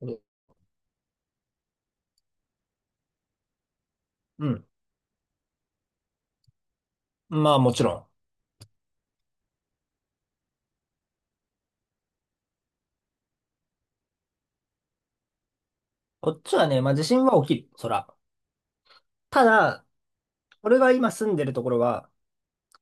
うん。まあもちろん。こっちはね、まあ地震は起きる。そら。ただ、俺が今住んでるところは、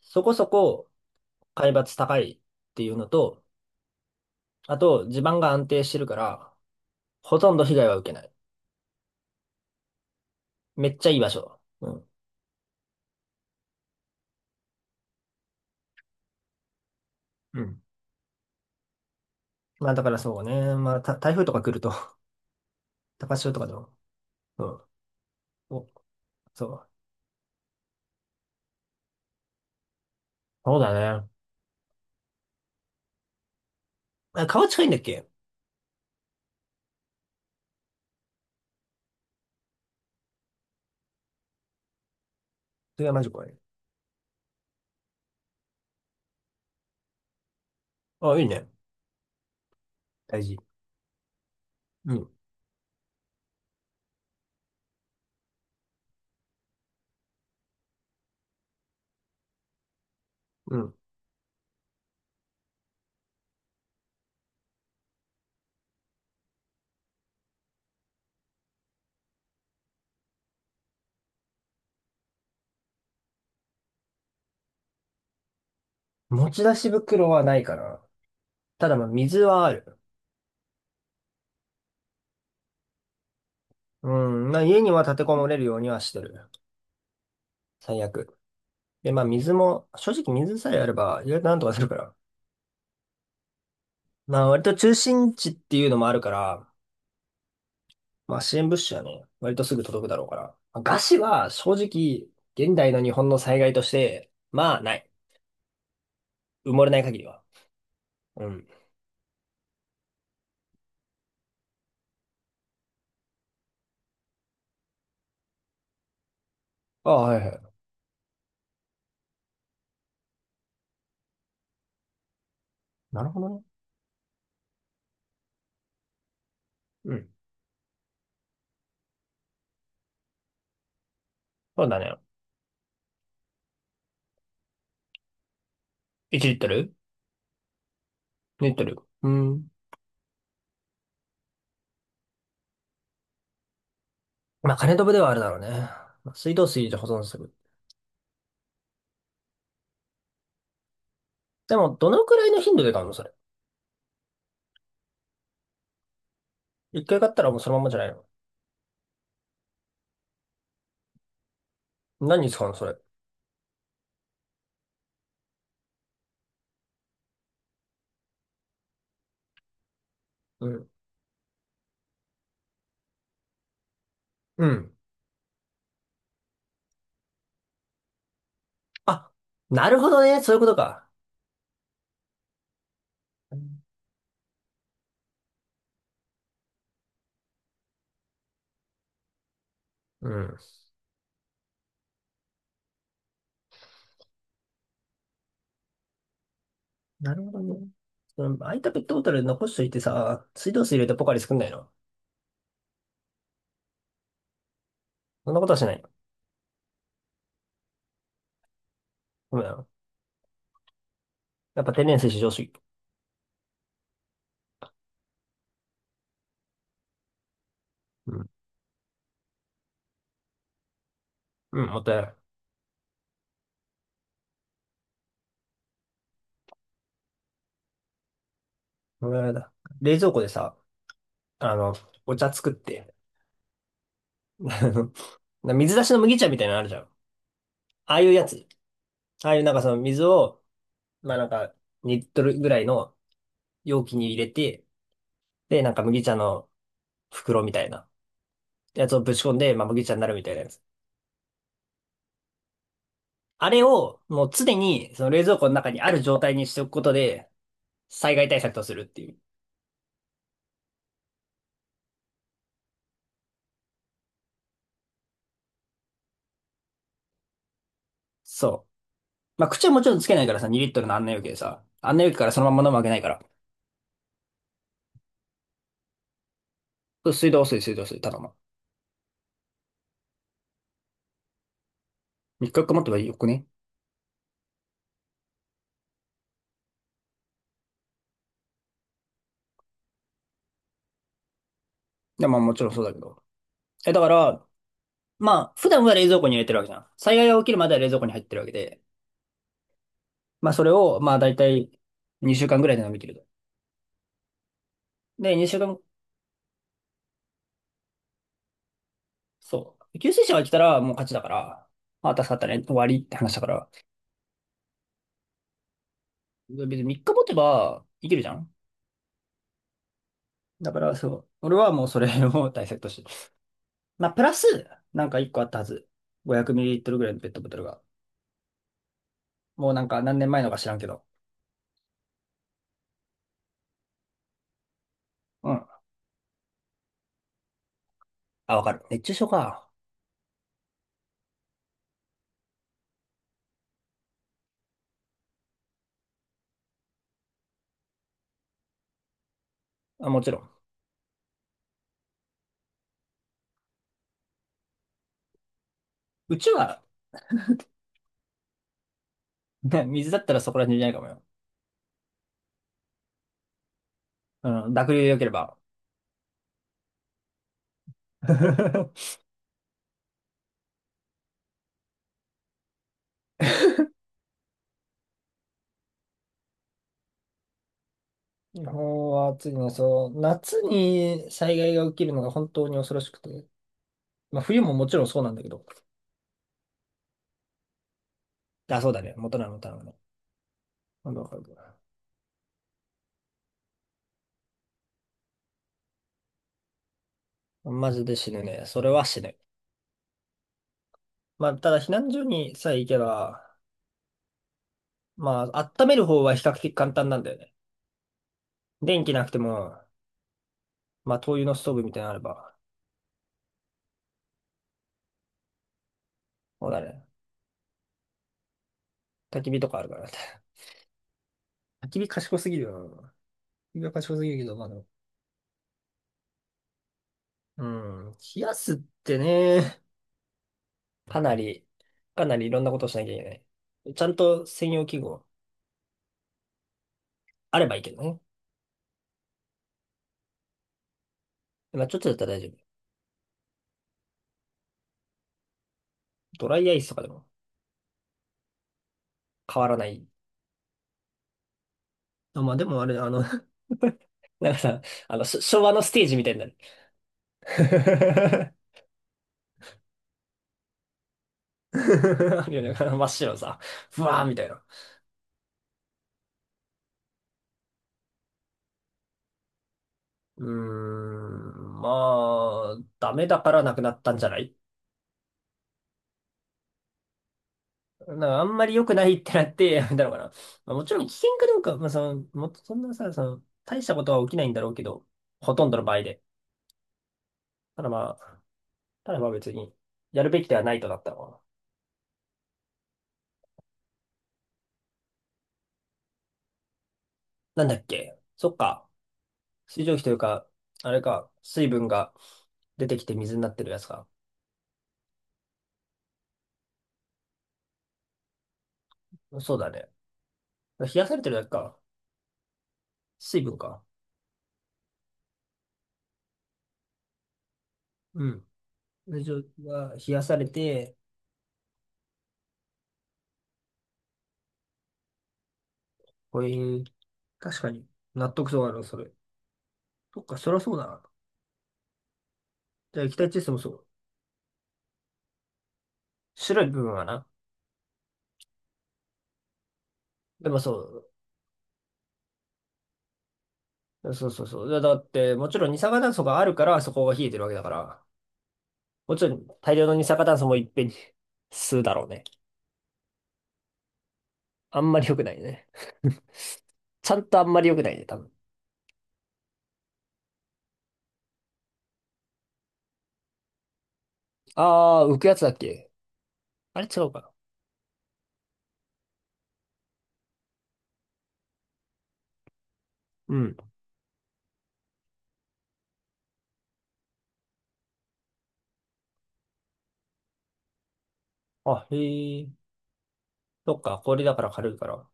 そこそこ海抜高いっていうのと、あと地盤が安定してるから、ほとんど被害は受けない。めっちゃいい場所。うん。うん。まあだからそうね。まあた台風とか来ると、高潮とかでも。うん。お、そう。そうだね。あ、川近いんだっけ？それはマジ怖い。あ、いいね。大事。うん。うん。持ち出し袋はないかな。ただまあ水はある。うん、まあ家には立てこもれるようにはしてる。最悪。で、まあ水も、正直水さえあれば意外となんとかするから。まあ割と中心地っていうのもあるから、まあ支援物資はね、割とすぐ届くだろうから。まあ、餓死は正直、現代の日本の災害として、まあない。埋もれない限りは。うん。ああ、はいはい。なるほどね。うん。そうだね。1リットル ?2 リットル。うん。まあ金飛ぶではあるだろうね。まあ水道水で保存する。でも、どのくらいの頻度で買うのそれ？一回買ったらもうそのまんまじゃないの？何に使うの、それ？うん。うん。あ、なるほどね。そういうことか。うん。なるほどね。その空いたペットボトル残しといてさ、水道水入れてポカリ作んないの？そんなことはしないの？ごめん。やっぱ天然水至上主義。うん。うん、もったいない。もったいないだ。冷蔵庫でさ、あの、お茶作って、あの水出しの麦茶みたいなのあるじゃん。ああいうやつ。ああいうなんかその水を、まあなんか2リットルぐらいの容器に入れて、で、なんか麦茶の袋みたいな。やつをぶち込んで、まあ、麦茶になるみたいなやつ。あれを、もう常に、その冷蔵庫の中にある状態にしておくことで、災害対策とするっていう。そう。まあ、口はもちろんつけないからさ、2リットルの案内容器でさ、案内容器からそのまま飲むわけないから。水道水、水道水、ただの。3日持ってばよくね？いや、まあ、もちろんそうだけど。え、だから、まあ、普段は冷蔵庫に入れてるわけじゃん。災害が起きるまでは冷蔵庫に入ってるわけで。まあ、それを、まあ、だいたい2週間ぐらいで飲み切ると。で、2週間、そう。給水車が来たらもう勝ちだから、まあ、助かったね、終わりって話だから。別に3日持てばいけるじゃん。だからそう。俺はもうそれを大切として。まあ、プラス、なんか1個あったはず。500ml ぐらいのペットボトルが。もうなんか何年前のか知らんけど。うん。あ、わかる。熱中症か。あ、もちろん。うちは、ね、水だったらそこら辺じゃないかもよ。うん。濁流で良ければ。日本は暑いね。そう、夏に災害が起きるのが本当に恐ろしくて。まあ、冬ももちろんそうなんだけど。あ、そうだね。元なの、元なのね。わかるわかるマジで死ぬね。それは死ぬ。まあ、ただ避難所にさえ行けば、まあ、温める方は比較的簡単なんだよね。電気なくても、まあ、灯油のストーブみたいなのあれば、そうだね。焚き火とかあるからね。焚き火賢すぎるよな。焚き火は賢すぎるけど、まあでも、うん。冷やすってね、かなり、かなりいろんなことをしなきゃいけない。ちゃんと専用器具あればいいけどね。まあ、ちょっとだったら大丈夫。ドライアイスとかでも変わらない。まあ、でもあれ、あの、なんかさ、あの、昭和のステージみたいになる。あるよね。真っ白さ。ふわーみたいな。うーん。まあ、ダメだからなくなったんじゃない？なんかあんまり良くないってなってやめたのかな。まあ、もちろん危険かどうか、まあ、その、もっとそんなさ、その、大したことは起きないんだろうけど、ほとんどの場合で。ただまあ、ただまあ別に、やるべきではないとなったのかな。なんだっけ？そっか。水蒸気というか、あれか、水分が出てきて水になってるやつか。そうだね。冷やされてるだけか。水分か。うん。会場が冷やされて、こういう、確かに納得そうだな、それ。そっか、そりゃそうだな。じゃあ液体窒素もそう。白い部分はな。でもそう、そうそうそう。だって、もちろん二酸化炭素があるからそこが冷えてるわけだから、もちろん大量の二酸化炭素もいっぺんに吸うだろうね。あんまり良くないね。ちゃんとあんまり良くないね、多分。あー、浮くやつだっけ？あれ違うかな。うん。あ、へえ。そっか、氷だから軽いから。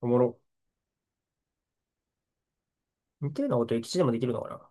おもろ。似たようなこと、液地でもできるのかな。